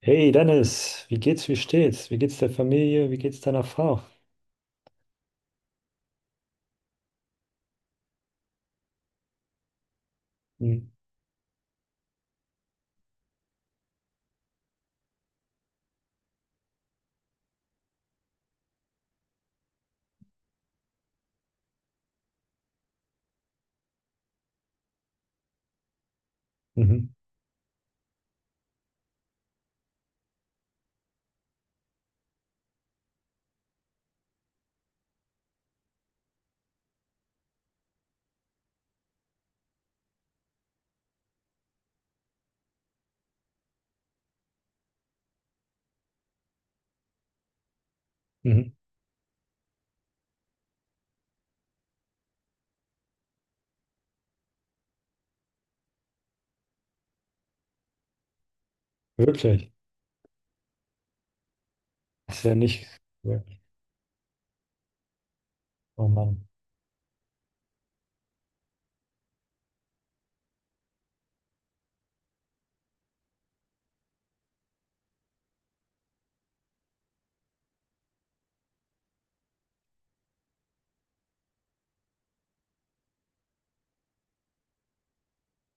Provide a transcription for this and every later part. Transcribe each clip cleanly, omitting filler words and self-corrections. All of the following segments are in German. Hey Dennis, wie geht's, wie steht's? Wie geht's der Familie? Wie geht's deiner Frau? Hm. Mhm. Mhm. Wirklich? Das ist ja nicht. Oh Mann.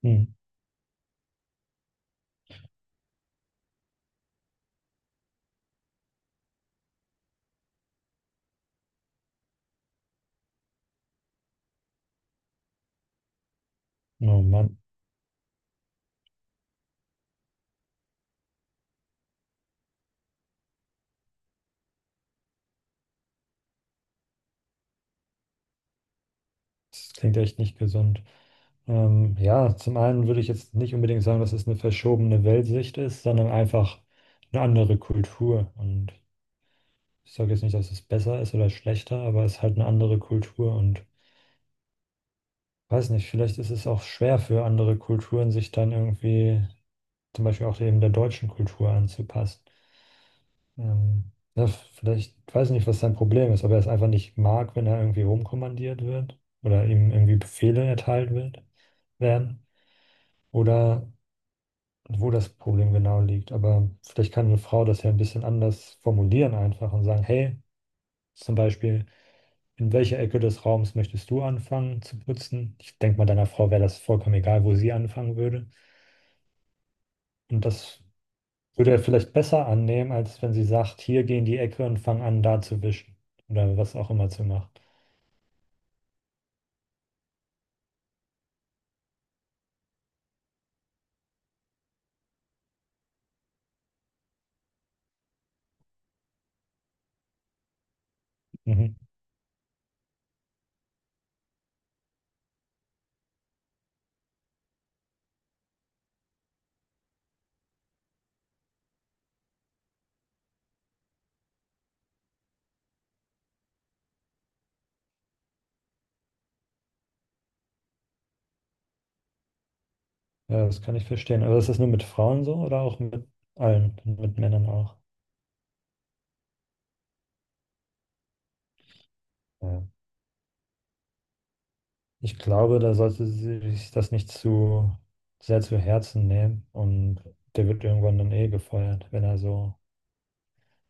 Hm. Oh Mann. Das klingt echt nicht gesund. Ja, zum einen würde ich jetzt nicht unbedingt sagen, dass es eine verschobene Weltsicht ist, sondern einfach eine andere Kultur. Und ich sage jetzt nicht, dass es besser ist oder schlechter, aber es ist halt eine andere Kultur. Und weiß nicht, vielleicht ist es auch schwer für andere Kulturen, sich dann irgendwie zum Beispiel auch eben der deutschen Kultur anzupassen. Ja, vielleicht, ich weiß nicht, was sein Problem ist, ob er es einfach nicht mag, wenn er irgendwie rumkommandiert wird oder ihm irgendwie Befehle erteilt wird, werden, oder wo das Problem genau liegt. Aber vielleicht kann eine Frau das ja ein bisschen anders formulieren einfach und sagen, hey, zum Beispiel, in welcher Ecke des Raums möchtest du anfangen zu putzen? Ich denke mal, deiner Frau wäre das vollkommen egal, wo sie anfangen würde. Und das würde er vielleicht besser annehmen, als wenn sie sagt, hier geh in die Ecke und fang an, da zu wischen. Oder was auch immer zu machen. Mhm. Ja, das kann ich verstehen. Aber ist das nur mit Frauen so oder auch mit allen, mit Männern auch? Ja. Ich glaube, da sollte sie sich das nicht zu sehr zu Herzen nehmen. Und der wird irgendwann dann eh gefeuert, wenn er so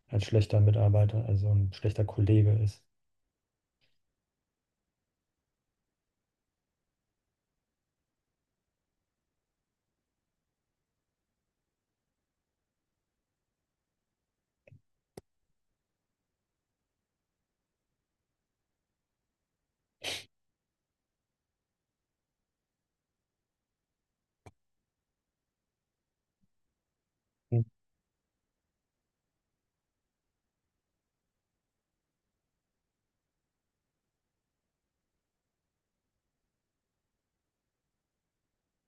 ein schlechter Mitarbeiter, also ein schlechter Kollege ist. Mhm.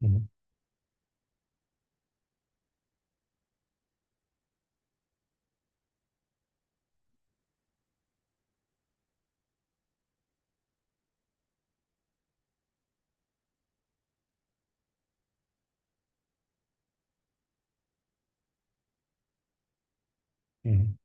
Mhm. Mhm.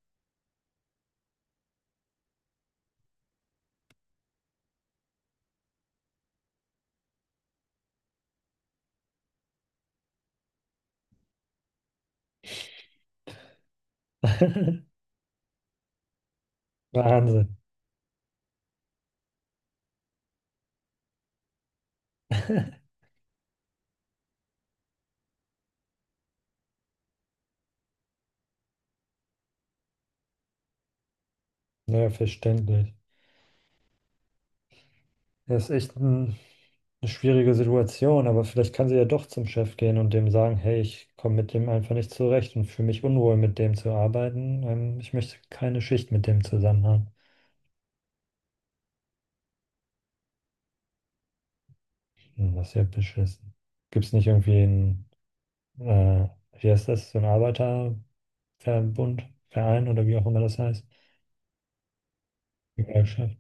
Wahnsinn. Ja, verständlich. Er ist echt ein, eine schwierige Situation, aber vielleicht kann sie ja doch zum Chef gehen und dem sagen, hey, ich komme mit dem einfach nicht zurecht und fühle mich unwohl, mit dem zu arbeiten. Ich möchte keine Schicht mit dem zusammen haben. Hm, das ist ja beschissen. Gibt es nicht irgendwie einen, äh, wie heißt das, so einen Arbeiterverbund, Verein oder wie auch immer das heißt? Gewerkschaft?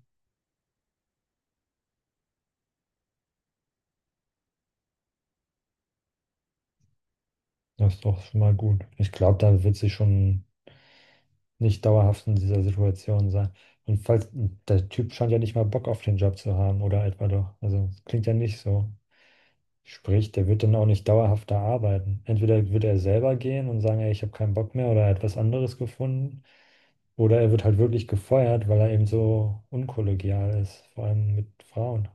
Das ist doch schon mal gut. Ich glaube, da wird sie schon nicht dauerhaft in dieser Situation sein. Und falls, der Typ scheint ja nicht mal Bock auf den Job zu haben, oder etwa doch. Also, es klingt ja nicht so. Sprich, der wird dann auch nicht dauerhaft da arbeiten. Entweder wird er selber gehen und sagen, ey, ich habe keinen Bock mehr oder er hat was anderes gefunden. Oder er wird halt wirklich gefeuert, weil er eben so unkollegial ist, vor allem mit Frauen.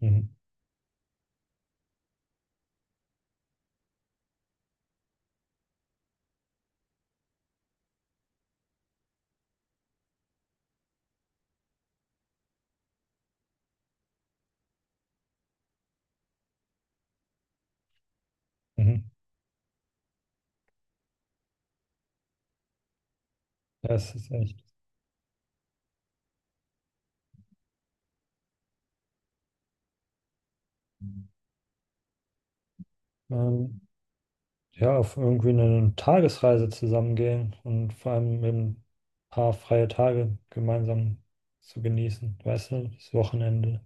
Mhm. Mhm. Das ist echt. Ähm, ja, auf irgendwie eine Tagesreise zusammengehen und vor allem eben ein paar freie Tage gemeinsam zu genießen. Weißt du, das Wochenende.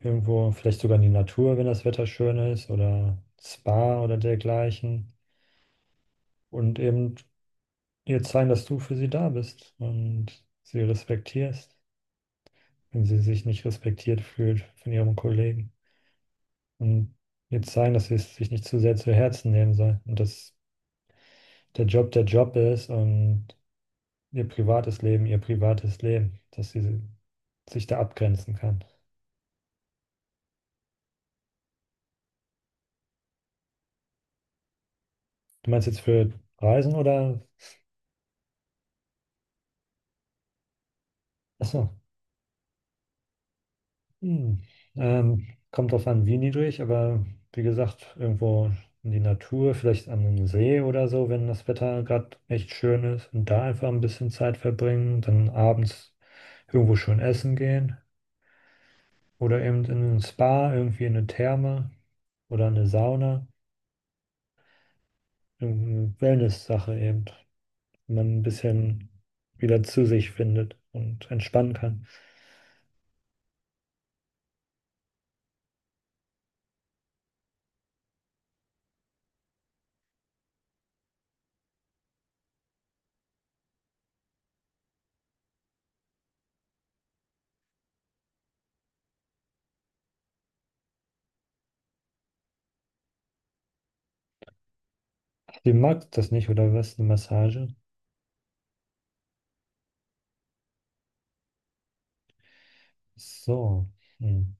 Irgendwo, vielleicht sogar in die Natur, wenn das Wetter schön ist, oder Spa oder dergleichen. Und eben ihr zeigen, dass du für sie da bist und sie respektierst, wenn sie sich nicht respektiert fühlt von ihrem Kollegen. Und ihr zeigen, dass sie es sich nicht zu sehr zu Herzen nehmen soll und dass der Job ist und ihr privates Leben, dass sie sich da abgrenzen kann. Du meinst jetzt für Reisen oder? Achso. Hm. Kommt drauf an, wie niedrig, aber wie gesagt, irgendwo in die Natur, vielleicht an einem See oder so, wenn das Wetter gerade echt schön ist und da einfach ein bisschen Zeit verbringen, dann abends irgendwo schön essen gehen oder eben in ein Spa, irgendwie in eine Therme oder eine Sauna, irgendeine Wellness-Sache eben, wo man ein bisschen wieder zu sich findet und entspannen kann. Die mag das nicht oder was, eine Massage? So. Hm.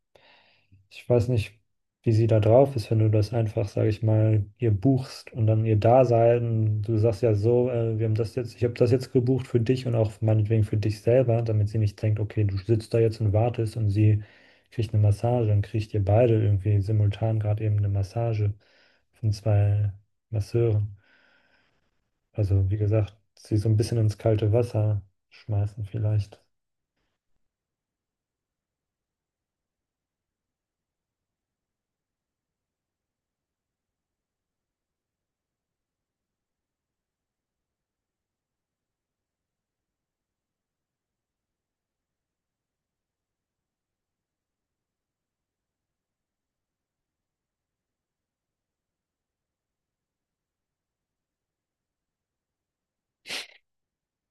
Ich weiß nicht, wie sie da drauf ist, wenn du das einfach, sage ich mal, ihr buchst und dann ihr Dasein. Du sagst ja so, wir haben das jetzt, ich habe das jetzt gebucht für dich und auch meinetwegen für dich selber, damit sie nicht denkt, okay, du sitzt da jetzt und wartest und sie kriegt eine Massage, dann kriegt ihr beide irgendwie simultan gerade eben eine Massage von 2 Masseuren. Also, wie gesagt, sie so ein bisschen ins kalte Wasser schmeißen vielleicht.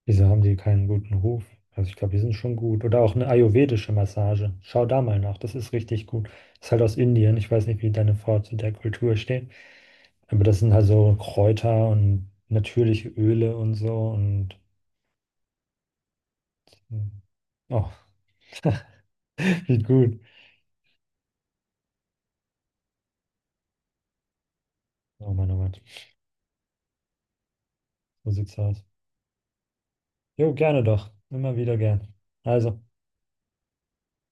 Wieso haben die keinen guten Ruf? Also ich glaube, die sind schon gut. Oder auch eine ayurvedische Massage. Schau da mal nach, das ist richtig gut. Ist halt aus Indien. Ich weiß nicht, wie deine Frau zu der Kultur steht. Aber das sind halt so Kräuter und natürliche Öle und so. Und oh, wie gut. Oh Mann, oh Mann. So sieht's aus. Jo, gerne doch. Immer wieder gern. Also.